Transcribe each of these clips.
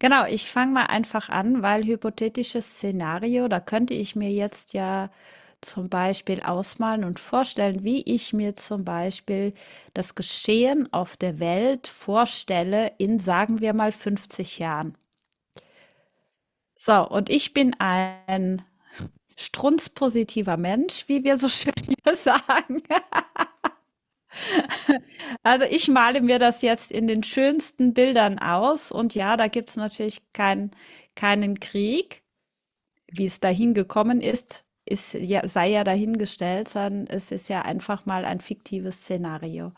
Genau, ich fange mal einfach an, weil hypothetisches Szenario, da könnte ich mir jetzt ja zum Beispiel ausmalen und vorstellen, wie ich mir zum Beispiel das Geschehen auf der Welt vorstelle in, sagen wir mal, 50 Jahren. So, und ich bin ein strunzpositiver Mensch, wie wir so schön hier sagen. Also ich male mir das jetzt in den schönsten Bildern aus und ja, da gibt es natürlich keinen Krieg. Wie es dahin gekommen ist, ist ja, sei ja dahingestellt, sondern es ist ja einfach mal ein fiktives Szenario.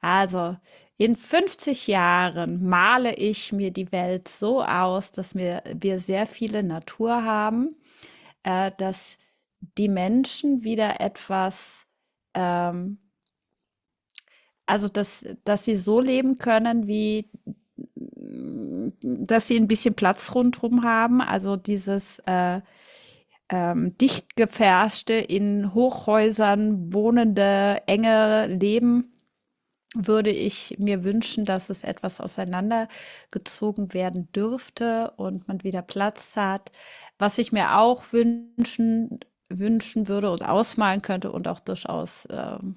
Also, in 50 Jahren male ich mir die Welt so aus, dass wir sehr viele Natur haben, dass die Menschen wieder etwas, ähm, also dass sie so leben können, dass sie ein bisschen Platz rundherum haben. Also dieses dicht gefärschte, in Hochhäusern wohnende, enge Leben würde ich mir wünschen, dass es etwas auseinandergezogen werden dürfte und man wieder Platz hat. Was ich mir auch wünschen würde und ausmalen könnte und auch durchaus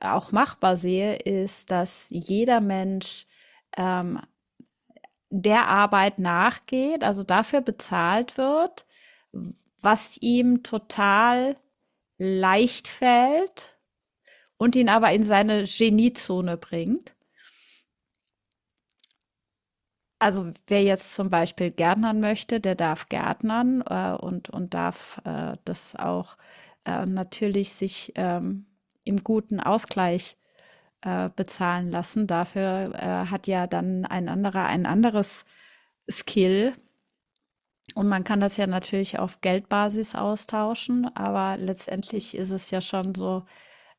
auch machbar sehe, ist, dass jeder Mensch ähm, der Arbeit nachgeht, also dafür bezahlt wird, was ihm total leicht fällt und ihn aber in seine Geniezone bringt. Also wer jetzt zum Beispiel gärtnern möchte, der darf gärtnern und darf das auch natürlich sich im guten Ausgleich bezahlen lassen. Dafür hat ja dann ein anderer ein anderes Skill. Und man kann das ja natürlich auf Geldbasis austauschen, aber letztendlich ist es ja schon so.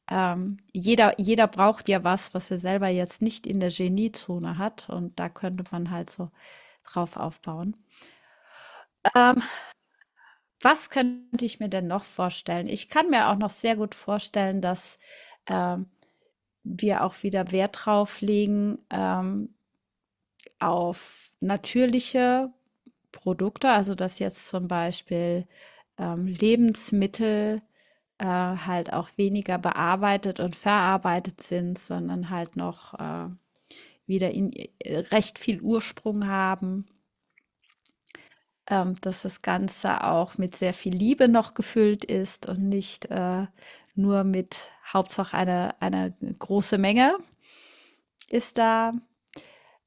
Jeder braucht ja was, was er selber jetzt nicht in der Geniezone hat. Und da könnte man halt so drauf aufbauen. Ähm, was könnte ich mir denn noch vorstellen? Ich kann mir auch noch sehr gut vorstellen, dass ähm, wir auch wieder Wert drauf legen, auf natürliche Produkte, also dass jetzt zum Beispiel Lebensmittel halt auch weniger bearbeitet und verarbeitet sind, sondern halt noch wieder in recht viel Ursprung haben, dass das Ganze auch mit sehr viel Liebe noch gefüllt ist und nicht nur mit Hauptsache eine große Menge ist da.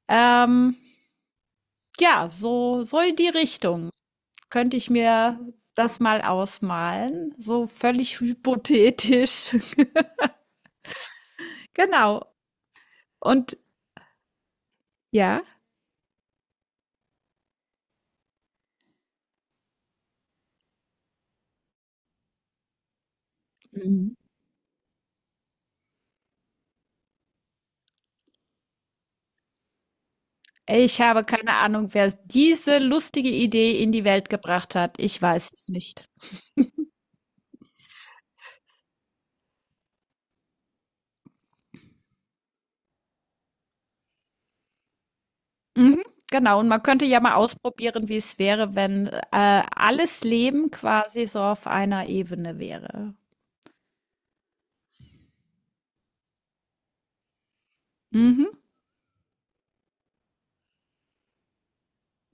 Ähm, ja, so in die Richtung könnte ich mir das mal ausmalen, so völlig hypothetisch. Genau. Und ja. Mhm. Ich habe keine Ahnung, wer diese lustige Idee in die Welt gebracht hat. Ich weiß es nicht. Mhm, genau, und man könnte ja mal ausprobieren, wie es wäre, wenn alles Leben quasi so auf einer Ebene wäre. Mhm,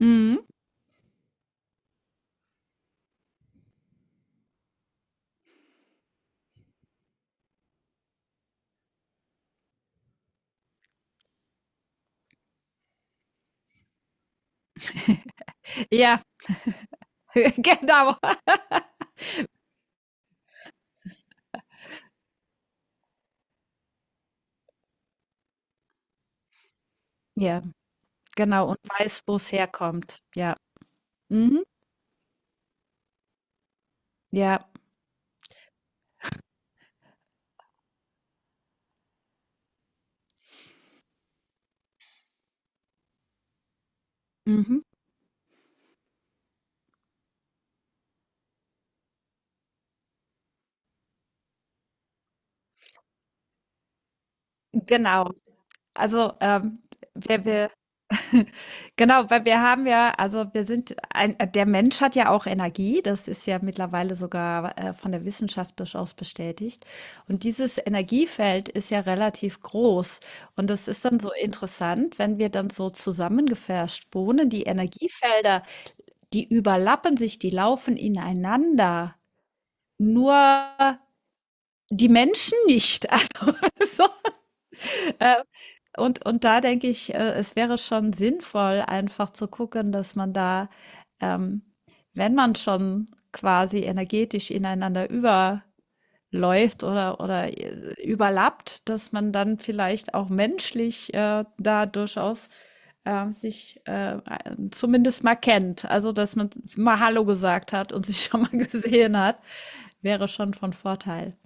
mhm. Ja, genau. Ja, genau, und weiß, wo es herkommt. Ja. Mhm. Ja. Mhm. Genau. Also, wir Genau, weil wir haben ja, also wir sind, ein, der Mensch hat ja auch Energie, das ist ja mittlerweile sogar von der Wissenschaft durchaus bestätigt. Und dieses Energiefeld ist ja relativ groß. Und das ist dann so interessant, wenn wir dann so zusammengefärscht wohnen, die Energiefelder, die überlappen sich, die laufen ineinander. Nur die Menschen nicht. Also, so, äh, und da denke ich, es wäre schon sinnvoll, einfach zu gucken, dass man da, ähm, wenn man schon quasi energetisch ineinander überläuft oder überlappt, dass man dann vielleicht auch menschlich da durchaus sich zumindest mal kennt. Also, dass man mal Hallo gesagt hat und sich schon mal gesehen hat, wäre schon von Vorteil.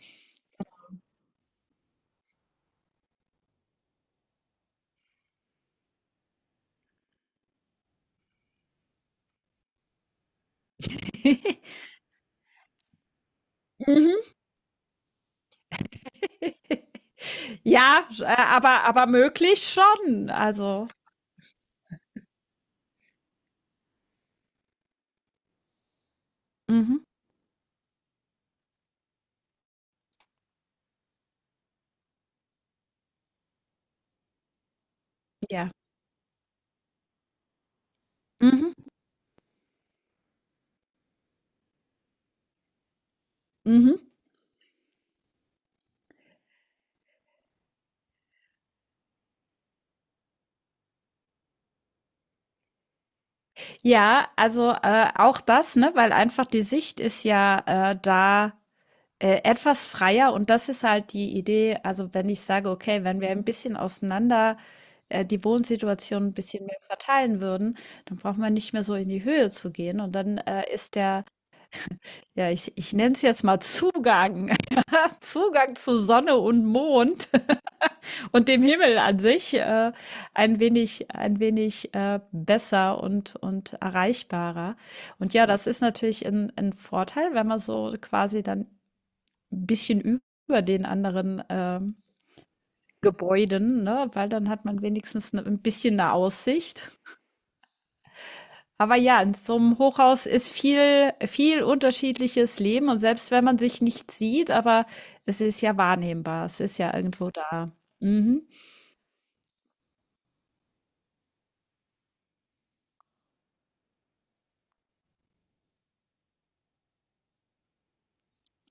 Mhm. Ja, aber möglich schon. Also mhm, ja. Mhm, mhm. Ja, also, auch das, ne, weil einfach die Sicht ist ja, da, etwas freier und das ist halt die Idee. Also, wenn ich sage: „Okay, wenn wir ein bisschen auseinander, die Wohnsituation ein bisschen mehr verteilen würden, dann braucht man nicht mehr so in die Höhe zu gehen." Und dann, ist der, ja, ich nenne es jetzt mal Zugang Zugang zu Sonne und Mond und dem Himmel an sich, ein wenig besser und erreichbarer. Und ja, das ist natürlich ein Vorteil, wenn man so quasi dann ein bisschen über den anderen Gebäuden, ne? Weil dann hat man wenigstens ein bisschen eine Aussicht. Aber ja, in so einem Hochhaus ist viel, viel unterschiedliches Leben und selbst wenn man sich nicht sieht, aber es ist ja wahrnehmbar, es ist ja irgendwo da. Mhm.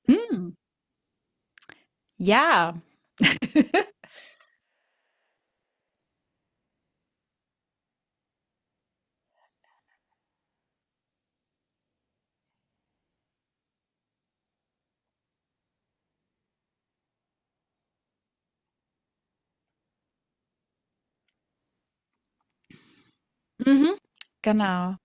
Hm, ja. Mhm, genau.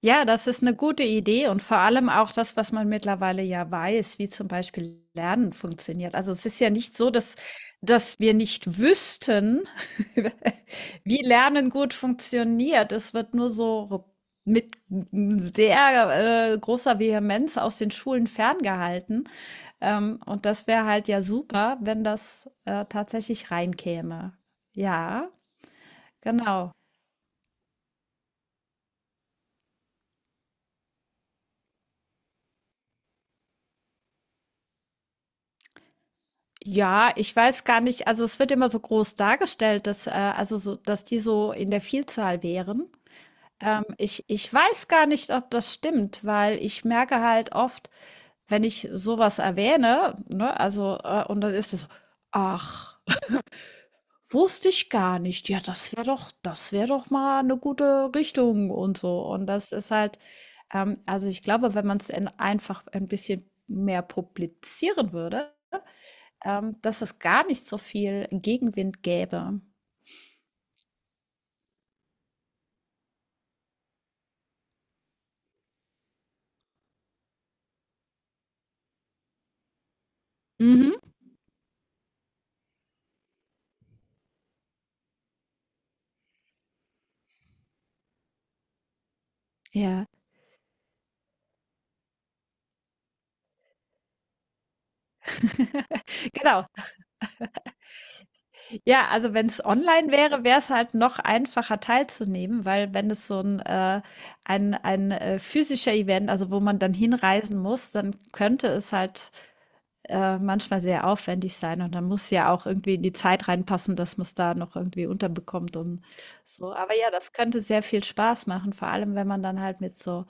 Ja, das ist eine gute Idee und vor allem auch das, was man mittlerweile ja weiß, wie zum Beispiel Lernen funktioniert. Also, es ist ja nicht so, dass wir nicht wüssten, wie Lernen gut funktioniert. Es wird nur so mit sehr, großer Vehemenz aus den Schulen ferngehalten, und das wäre halt ja super, wenn das, tatsächlich reinkäme. Ja, genau. Ja, ich weiß gar nicht, also es wird immer so groß dargestellt, dass, also so, dass die so in der Vielzahl wären. Ich weiß gar nicht, ob das stimmt, weil ich merke halt oft, wenn ich sowas erwähne, ne, also, und dann ist es, so, ach, wusste ich gar nicht. Ja, das wäre doch mal eine gute Richtung und so. Und das ist halt, also ich glaube, wenn man es einfach ein bisschen mehr publizieren würde, dass es gar nicht so viel Gegenwind gäbe. Mhm. Ja. Genau. Ja, also wenn es online wäre, wäre es halt noch einfacher teilzunehmen, weil wenn es so ein physischer Event also, wo man dann hinreisen muss, dann könnte es halt manchmal sehr aufwendig sein und dann muss ja auch irgendwie in die Zeit reinpassen, dass man es da noch irgendwie unterbekommt und so. Aber ja, das könnte sehr viel Spaß machen, vor allem wenn man dann halt mit so,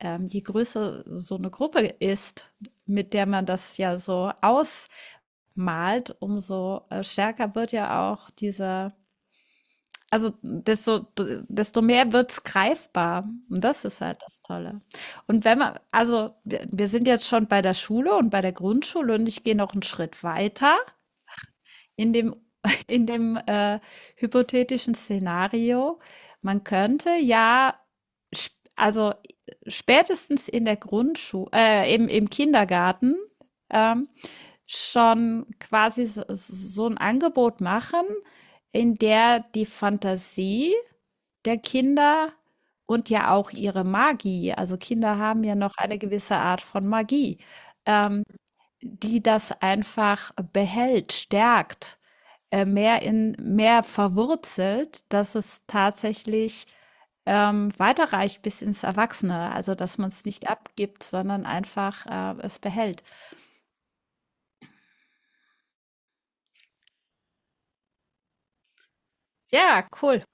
je größer so eine Gruppe ist, mit der man das ja so ausmalt, umso, stärker wird ja auch dieser, also desto mehr wird's greifbar. Und das ist halt das Tolle. Und wenn man, also wir sind jetzt schon bei der Schule und bei der Grundschule und ich gehe noch einen Schritt weiter in dem, in dem hypothetischen Szenario. Man könnte ja, also spätestens in der Grundschule, im Kindergarten, ähm, schon quasi so, ein Angebot machen, in der die Fantasie der Kinder und ja auch ihre Magie. Also Kinder haben ja noch eine gewisse Art von Magie, ähm, die das einfach behält, stärkt, mehr in mehr verwurzelt, dass es tatsächlich weiterreicht bis ins Erwachsene. Also dass man es nicht abgibt, sondern einfach es behält. Ja, cool.